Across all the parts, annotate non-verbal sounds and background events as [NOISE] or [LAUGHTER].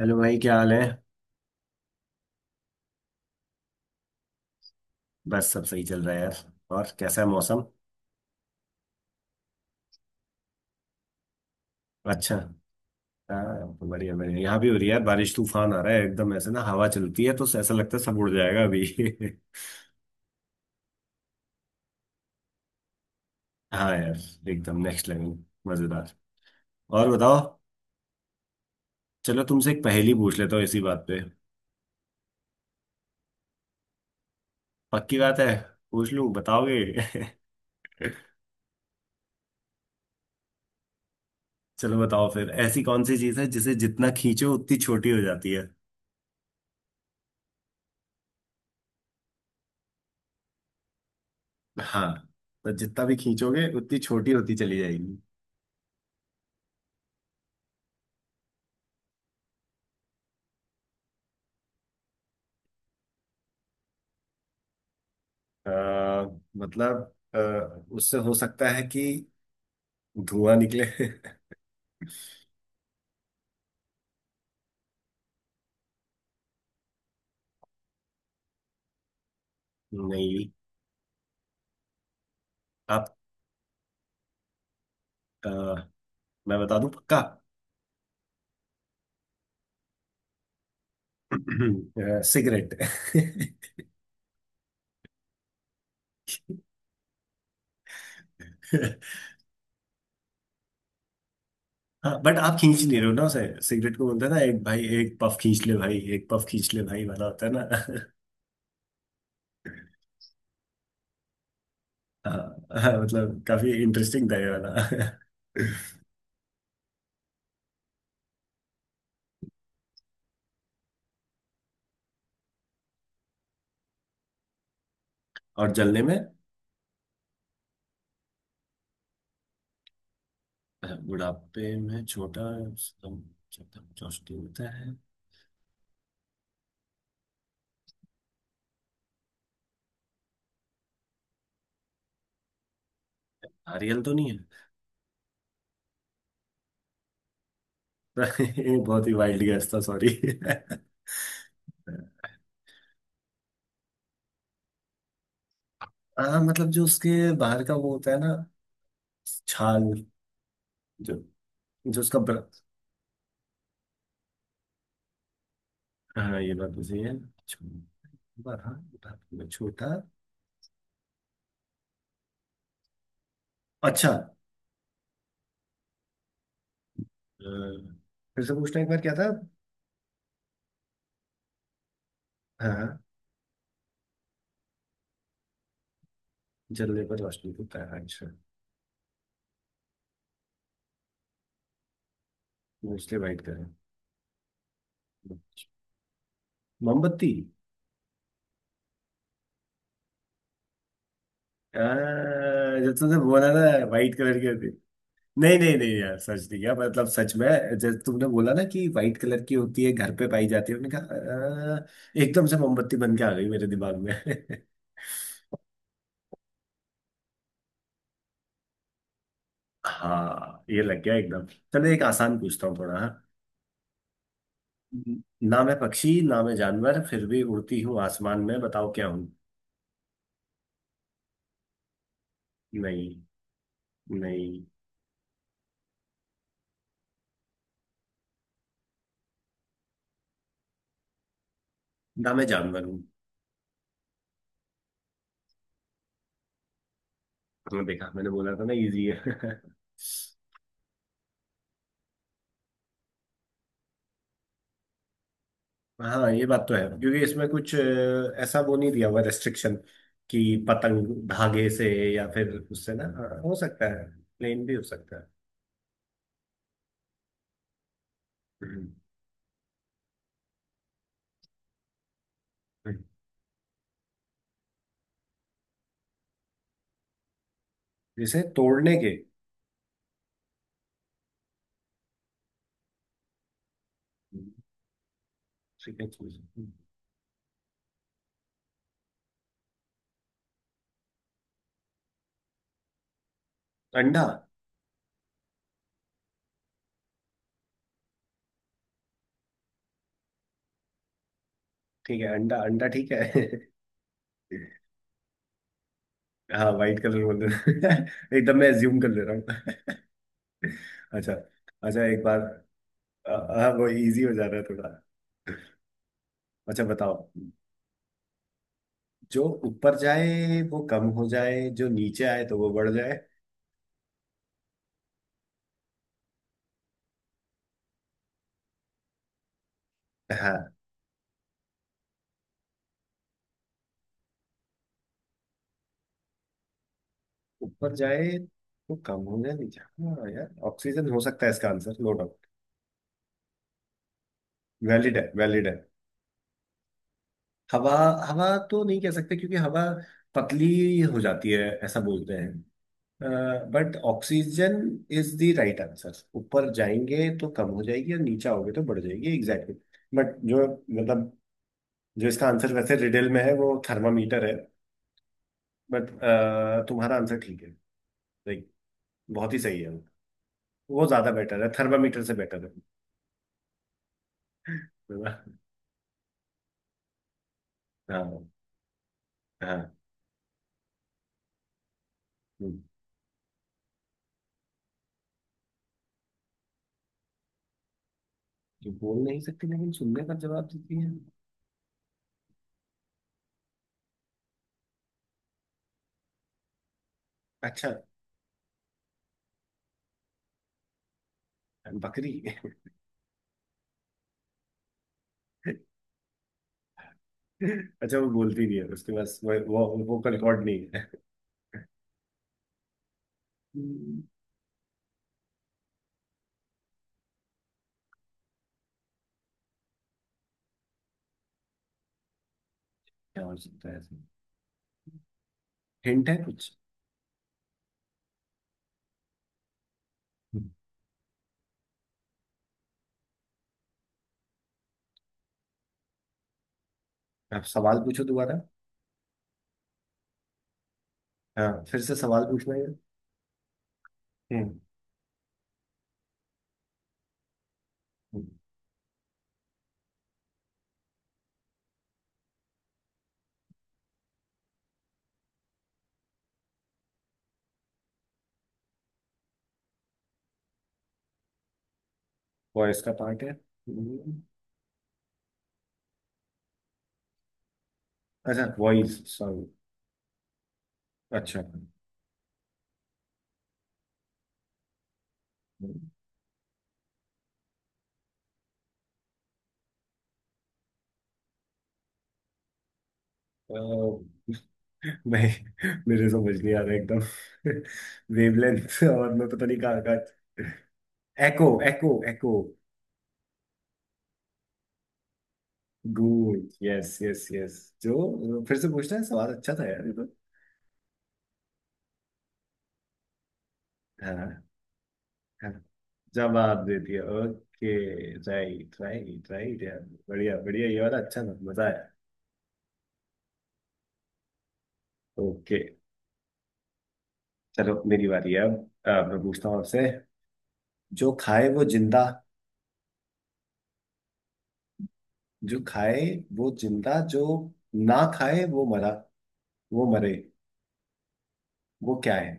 Hello भाई, क्या हाल है। बस सब सही चल रहा है यार। और कैसा है मौसम। अच्छा। हाँ तो बढ़िया बढ़िया, यहाँ भी हो रही है यार बारिश। तूफान आ रहा है, एकदम ऐसे ना, हवा चलती है तो ऐसा लगता है सब उड़ जाएगा अभी। [LAUGHS] हाँ यार, एकदम नेक्स्ट लेवल। मजेदार। और बताओ। चलो, तुमसे एक पहेली पूछ लेता हूँ इसी बात पे। पक्की बात है। पूछ लूँ, बताओगे। [LAUGHS] चलो बताओ फिर, ऐसी कौन सी चीज़ है जिसे जितना खींचो उतनी छोटी हो जाती है। हाँ। तो जितना भी खींचोगे उतनी छोटी होती चली जाएगी। अ, मतलब। उससे हो सकता है कि धुआं निकले। [LAUGHS] नहीं। आप। अ, मैं बता दूं पक्का। [CLEARS THROAT] सिगरेट। [LAUGHS] हाँ, बट आप खींच नहीं रहे हो ना उसे। सिगरेट को बोलते हैं ना, एक भाई एक पफ खींच ले भाई, एक पफ खींच ले भाई, वाला होता है ना। [LAUGHS] हाँ। हाँ, मतलब काफी इंटरेस्टिंग था ये वाला। [LAUGHS] और जलने में। बुढ़ापे में छोटा। सम- चौष्टी होता है। नारियल तो नहीं है। [LAUGHS] ये बहुत ही वाइल्ड गेस था, सॉरी। [LAUGHS] हाँ मतलब जो उसके बाहर का वो होता है ना, छाल। जो जो उसका। हाँ, ये बात तो सही है। छो- बड़ा। छोटा। अच्छा। फिर से पूछना एक बार क्या था। हाँ हाँ। जलने पर रोशनी होता है। हाँ, अच्छा। Mostly white colour. मोमबत्ती। जब तुमने बोला ना, वाइट कलर की होती। नहीं नहीं नहीं यार, सच नहीं यार, मतलब सच में, जैसे तुमने बोला ना कि व्हाइट कलर की होती है, घर पे पाई जाती है, मैंने कहा, एकदम से मोमबत्ती बन के आ गई मेरे दिमाग में। [LAUGHS] हाँ, ये लग गया एकदम। चलो एक आसान पूछता हूँ थोड़ा, हाँ। हम्म। ना मैं पक्षी, ना मैं जानवर, फिर भी उड़ती हूँ आसमान में, बताओ क्या हूँ। नहीं। नहीं। ना मैं जानवर हूँ। हाँ, देखा, मैंने बोला था ना इजी है। [LAUGHS] हाँ, ये बात तो है क्योंकि इसमें कुछ ऐसा वो नहीं दिया हुआ रेस्ट्रिक्शन कि पतंग धागे से, या फिर उससे ना, हाँ, हो सकता है, प्लेन भी हो सकता है। हम्म। हम्म। जैसे तोड़ने के। ठीक है चीज। अंडा ठीक है। अंडा अंडा ठीक है। [LAUGHS] हाँ, वाइट कलर बोल रहे हो। [LAUGHS] एकदम मैं एज्यूम कर ले रहा हूँ। [LAUGHS] अच्छा। अच्छा एक बार। अ, हाँ, वो इजी हो जा रहा है थोड़ा। अच्छा बताओ। जो ऊपर जाए वो कम हो जाए, जो नीचे आए तो वो बढ़ जाए। हाँ। ऊपर जाए तो कम हो जाए नीचे, हाँ यार, ऑक्सीजन हो सकता है इसका आंसर, नो डाउट। वैलिड है, वैलिड है। हवा। हवा तो नहीं कह सकते क्योंकि हवा पतली हो जाती है ऐसा बोलते हैं, but oxygen is the right answer. ऊपर जाएंगे तो कम हो जाएगी और नीचे आओगे तो बढ़ जाएगी, एग्जैक्टली। बट जो, मतलब जो इसका आंसर वैसे रिडल में है वो थर्मामीटर है। बट तुम्हारा आंसर ठीक है, लाइक, बहुत ही सही है, वो ज्यादा बेटर है, थर्मामीटर से बेटर है। [LAUGHS] हाँ हाँ। हम्म। जो बोल नहीं सकती लेकिन सुनने का जवाब देती है। अच्छा। बकरी। [LAUGHS] अच्छा, वो बोलती नहीं है, उसके पास वो वोकल रिकॉर्ड नहीं है। हम्म। क्या हो सकता है ऐसे, हिंट है कुछ। हम्म, आप सवाल पूछो दोबारा। हाँ, फिर से सवाल पूछना है। हम्म वॉइस का पार्ट है। हम्म। अच्छा, वॉइस सॉरी। अच्छा। हम्म। अ, नहीं। [LAUGHS] मेरे समझ नहीं आ रहा एकदम। [LAUGHS] वेवलेंथ और मैं पता नहीं कहाँ कहाँ। Echo echo echo. Good, yes yes yes. जो फिर से पूछना है सवाल, अच्छा था यार ये तो। हाँ हाँ। जवाब दे दिया, ओके। राइट राइट राइट यार। बढ़िया बढ़िया, ये वाला अच्छा था, मजा आया। ओके। चलो, मेरी बारी है, अब मैं पूछता हूँ आपसे। जो खाए वो जिंदा। जो खाए वो जिंदा, जो ना खाए वो मरा, वो मरे, वो क्या है।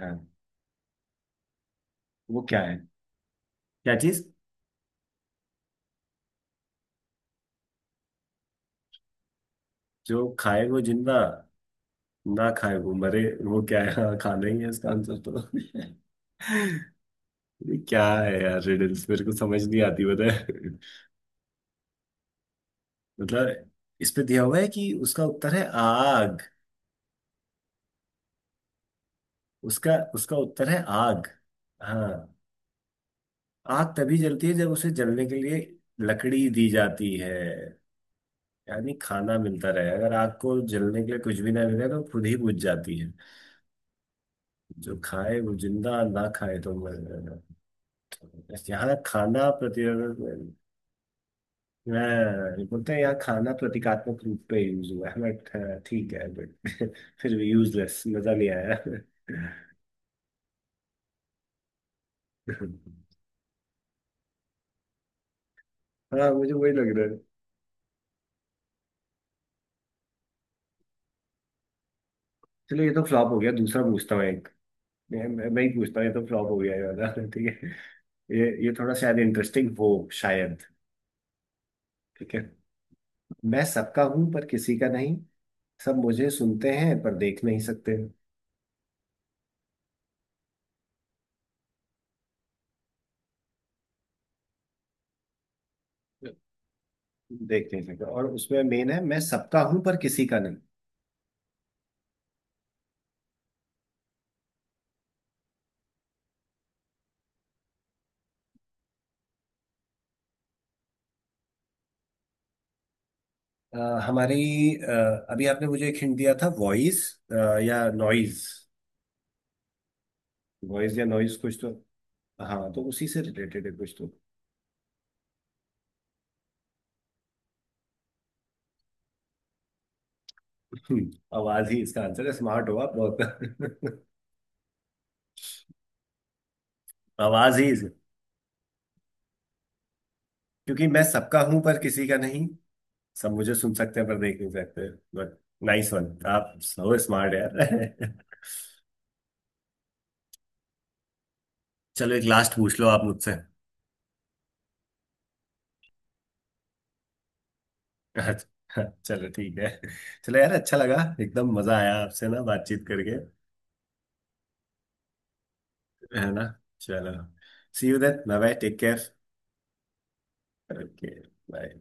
हाँ। वो क्या है। क्या चीज। जो खाए वो जिंदा, ना खाए वो मरे, वो क्या है। हाँ, खाना ही है इसका आंसर तो। ये क्या है यार, रिडल्स मेरे को समझ नहीं आती, पता है। मतलब इस पे दिया हुआ है कि उसका उत्तर है आग। उसका उसका उत्तर है आग। हाँ। आग तभी जलती है जब उसे जलने के लिए लकड़ी दी जाती है। यानी खाना मिलता रहे, अगर आग को जलने के लिए कुछ भी ना मिले तो खुद ही बुझ जाती है। जो खाए वो जिंदा, ना खाए तो मर जाएगा। यहाँ खाना प्रतियोगिता, मैं बोलते हैं यार, खाना प्रतीकात्मक रूप पे यूज हुआ है, बट ठीक है, बट [LAUGHS] फिर भी यूजलेस, मजा नहीं आया। हाँ, मुझे वही लग रहा है। चलो ये तो फ्लॉप हो गया, दूसरा पूछता हूँ एक। मैं ही पूछता हूँ, ये तो फ्लॉप हो गया ये वाला। [LAUGHS] ठीक है। ये थोड़ा शायद इंटरेस्टिंग हो, शायद। ठीक है। मैं सबका हूँ पर किसी का नहीं। सब मुझे सुनते हैं पर देख नहीं सकते, देख नहीं सकते, और उसमें मेन है, मैं सबका हूँ पर किसी का नहीं। अ, हमारी, अभी आपने मुझे एक हिंट दिया था, वॉइस या नॉइज, वॉइस या नॉइज कुछ तो। हाँ, तो उसी से रिलेटेड है कुछ तो। हम्म, आवाज ही इसका आंसर है, स्मार्ट हो आप बहुत। [LAUGHS] आवाज ही। क्योंकि मैं सबका हूं पर किसी का नहीं, सब मुझे सुन सकते हैं पर देख नहीं सकते, बट नाइस वन, आप सो स्मार्ट यार। [LAUGHS] चलो एक लास्ट पूछ लो आप मुझसे। [LAUGHS] अच्छा चलो, ठीक है। चलो यार, अच्छा लगा। एकदम मजा आया आपसे ना बातचीत करके। है ना। चलो। See you then, bye bye, take care. Okay. Bye.